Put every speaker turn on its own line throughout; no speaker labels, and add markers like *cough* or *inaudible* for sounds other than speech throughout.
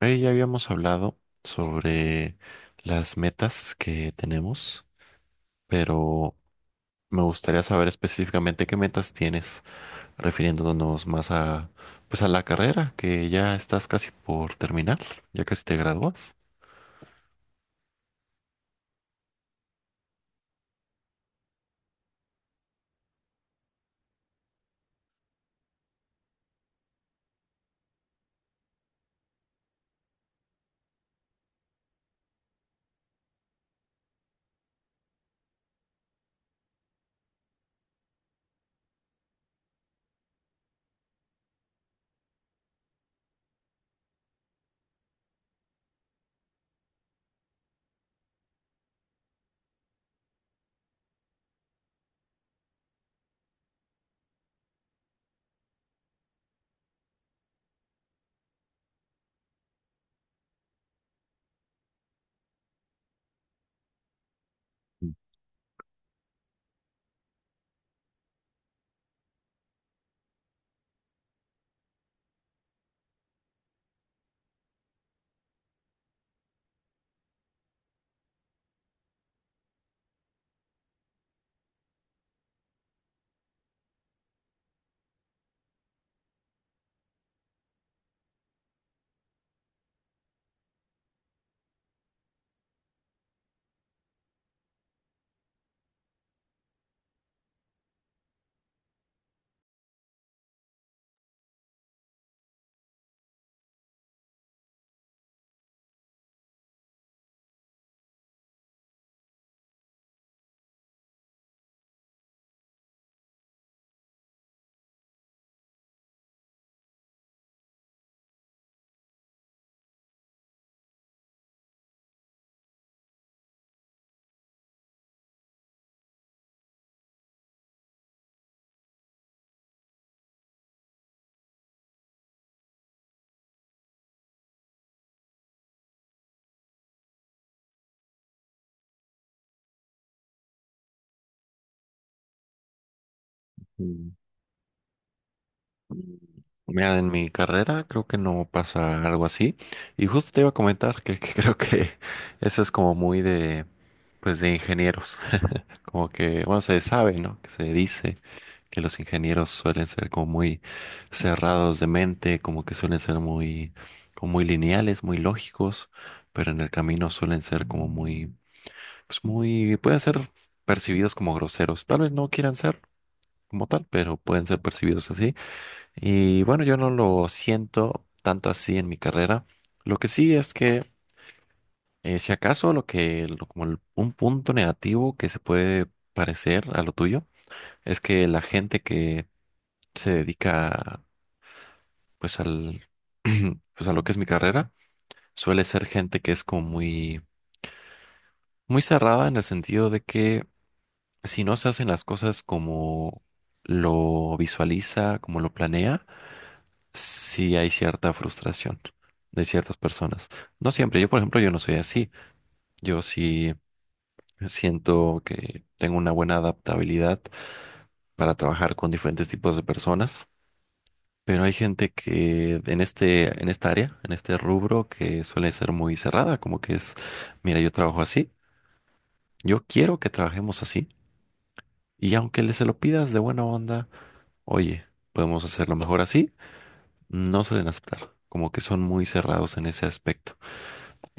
Ahí ya habíamos hablado sobre las metas que tenemos, pero me gustaría saber específicamente qué metas tienes, refiriéndonos más a, pues a la carrera, que ya estás casi por terminar, ya casi te gradúas. Mm. Mira, en mi carrera creo que no pasa algo así. Y justo te iba a comentar que *laughs* creo que eso es como muy de, pues de ingenieros. *laughs* Como que, bueno, se sabe, ¿no? Que se dice que los ingenieros suelen ser como muy cerrados de mente, como que suelen ser muy, como muy lineales, muy lógicos, pero en el camino suelen ser como muy, pues muy, pueden ser percibidos como groseros. Tal vez no quieran ser como tal, pero pueden ser percibidos así. Y bueno, yo no lo siento tanto así en mi carrera. Lo que sí es que, si acaso, lo que, lo- como el- un punto negativo que se puede parecer a lo tuyo, es que la gente que se dedica pues al, *clears throat* pues a lo que es mi carrera, suele ser gente que es como muy, muy cerrada en el sentido de que si no se hacen las cosas como lo visualiza, como lo planea, sí hay cierta frustración de ciertas personas. No siempre, yo por ejemplo, yo no soy así. Yo sí siento que tengo una buena adaptabilidad para trabajar con diferentes tipos de personas. Pero hay gente que en esta área, en este rubro, que suele ser muy cerrada, como que es, mira, yo trabajo así, yo quiero que trabajemos así. Y aunque le se lo pidas de buena onda, oye, podemos hacerlo mejor así, no suelen aceptar, como que son muy cerrados en ese aspecto.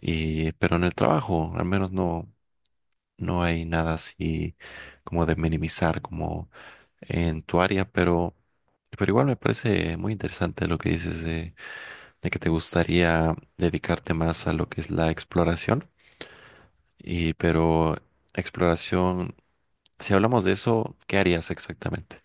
Y, pero en el trabajo, al menos no, no hay nada así como de minimizar, como en tu área, pero igual me parece muy interesante lo que dices de que te gustaría dedicarte más a lo que es la exploración. Y pero exploración, si hablamos de eso, ¿qué harías exactamente?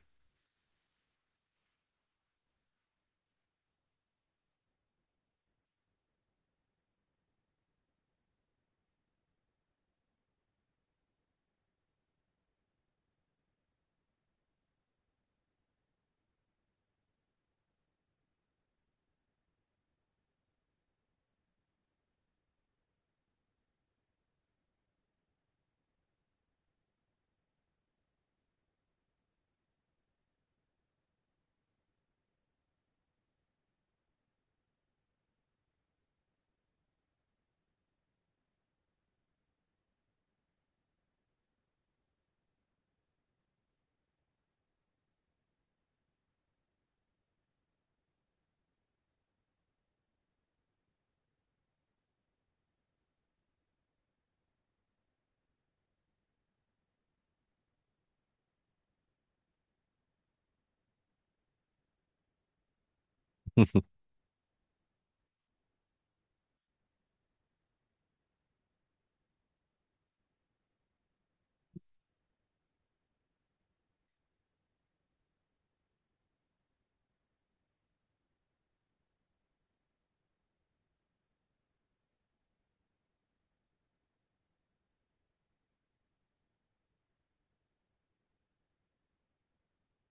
*laughs*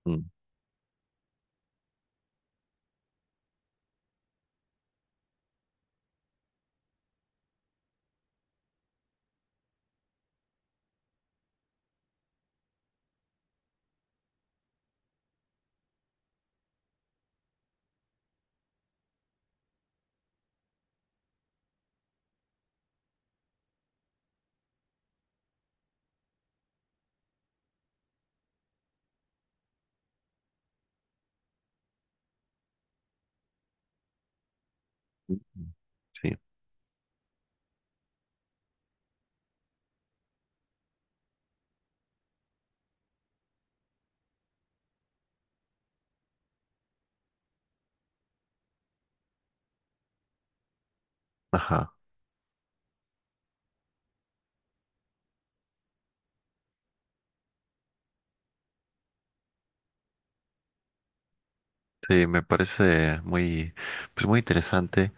Mm, mm, mm. Sí, ajá. Sí, me parece muy, pues muy interesante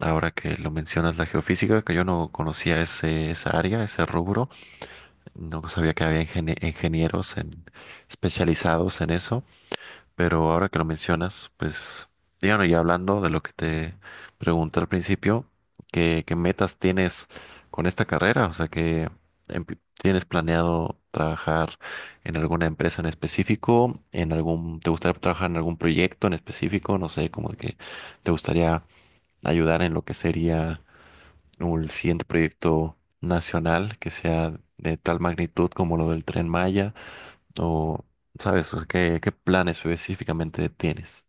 ahora que lo mencionas la geofísica, que yo no conocía esa área, ese rubro, no sabía que había ingenieros especializados en eso. Pero ahora que lo mencionas, pues, díganos, ya hablando de lo que te pregunté al principio, ¿qué metas tienes con esta carrera? O sea, que tienes planeado trabajar en alguna empresa en específico, ¿te gustaría trabajar en algún proyecto en específico? No sé, como que te gustaría ayudar en lo que sería un siguiente proyecto nacional que sea de tal magnitud como lo del Tren Maya. O, ¿sabes? O ¿Qué plan específicamente tienes?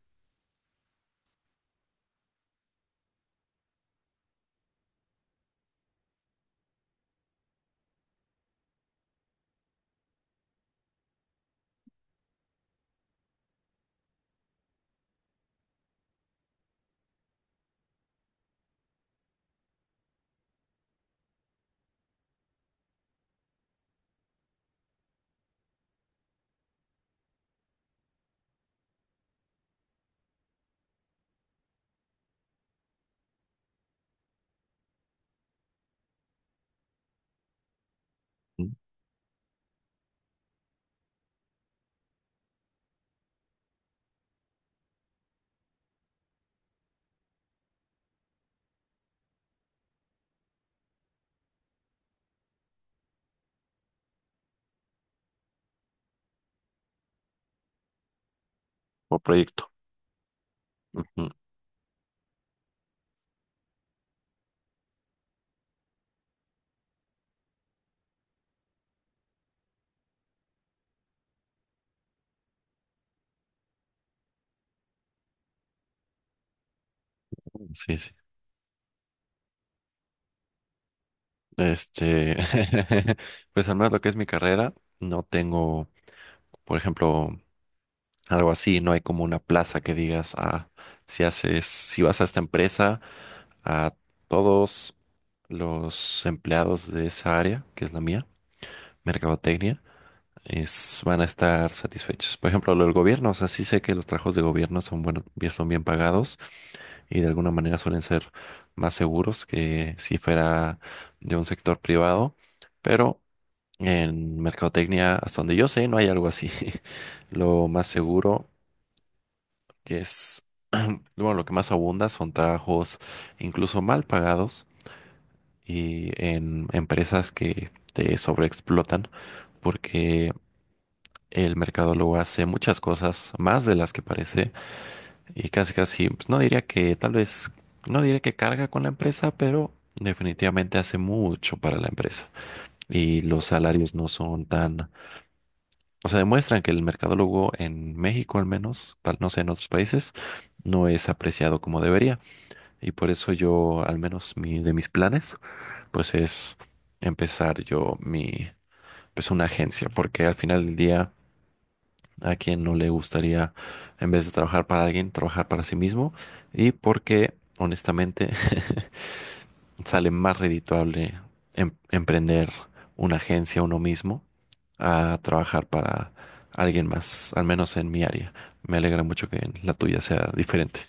¿Mm? ¿O proyecto? Ujú. Sí, sí. Este, *laughs* pues al menos lo que es mi carrera, no tengo, por ejemplo, algo así, no hay como una plaza que digas, ah, si haces, si vas a esta empresa, a todos los empleados de esa área, que es la mía, mercadotecnia, es, van a estar satisfechos. Por ejemplo, lo del gobierno, o sea, sí sé que los trabajos de gobierno son buenos, son bien pagados y de alguna manera suelen ser más seguros que si fuera de un sector privado, pero en mercadotecnia, hasta donde yo sé, no hay algo así. *laughs* Lo más seguro que es, bueno, lo que más abunda son trabajos incluso mal pagados y en empresas que te sobreexplotan porque el mercadólogo hace muchas cosas más de las que parece. Y casi casi, pues, no diría que tal vez, no diría que carga con la empresa, pero definitivamente hace mucho para la empresa. Y los salarios no son tan, o sea, demuestran que el mercadólogo en México al menos, tal no sé, en otros países, no es apreciado como debería. Y por eso yo, al menos de mis planes, pues es empezar yo pues una agencia, porque al final del día a quien no le gustaría, en vez de trabajar para alguien, trabajar para sí mismo y porque honestamente *laughs* sale más redituable emprender una agencia uno mismo a trabajar para alguien más, al menos en mi área. Me alegra mucho que la tuya sea diferente.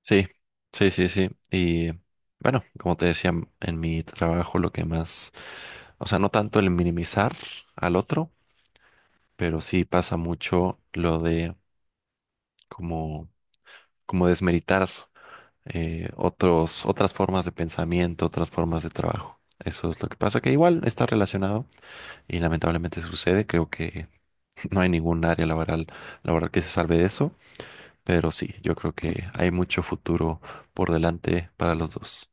Sí, sí, sí, sí. Y bueno, como te decía, en mi trabajo lo que más, o sea, no tanto el minimizar al otro, pero sí pasa mucho lo de como, como desmeritar otras formas de pensamiento, otras formas de trabajo. Eso es lo que pasa, que igual está relacionado y lamentablemente sucede. Creo que *laughs* no hay ningún área laboral que se salve de eso, pero sí, yo creo que hay mucho futuro por delante para los dos.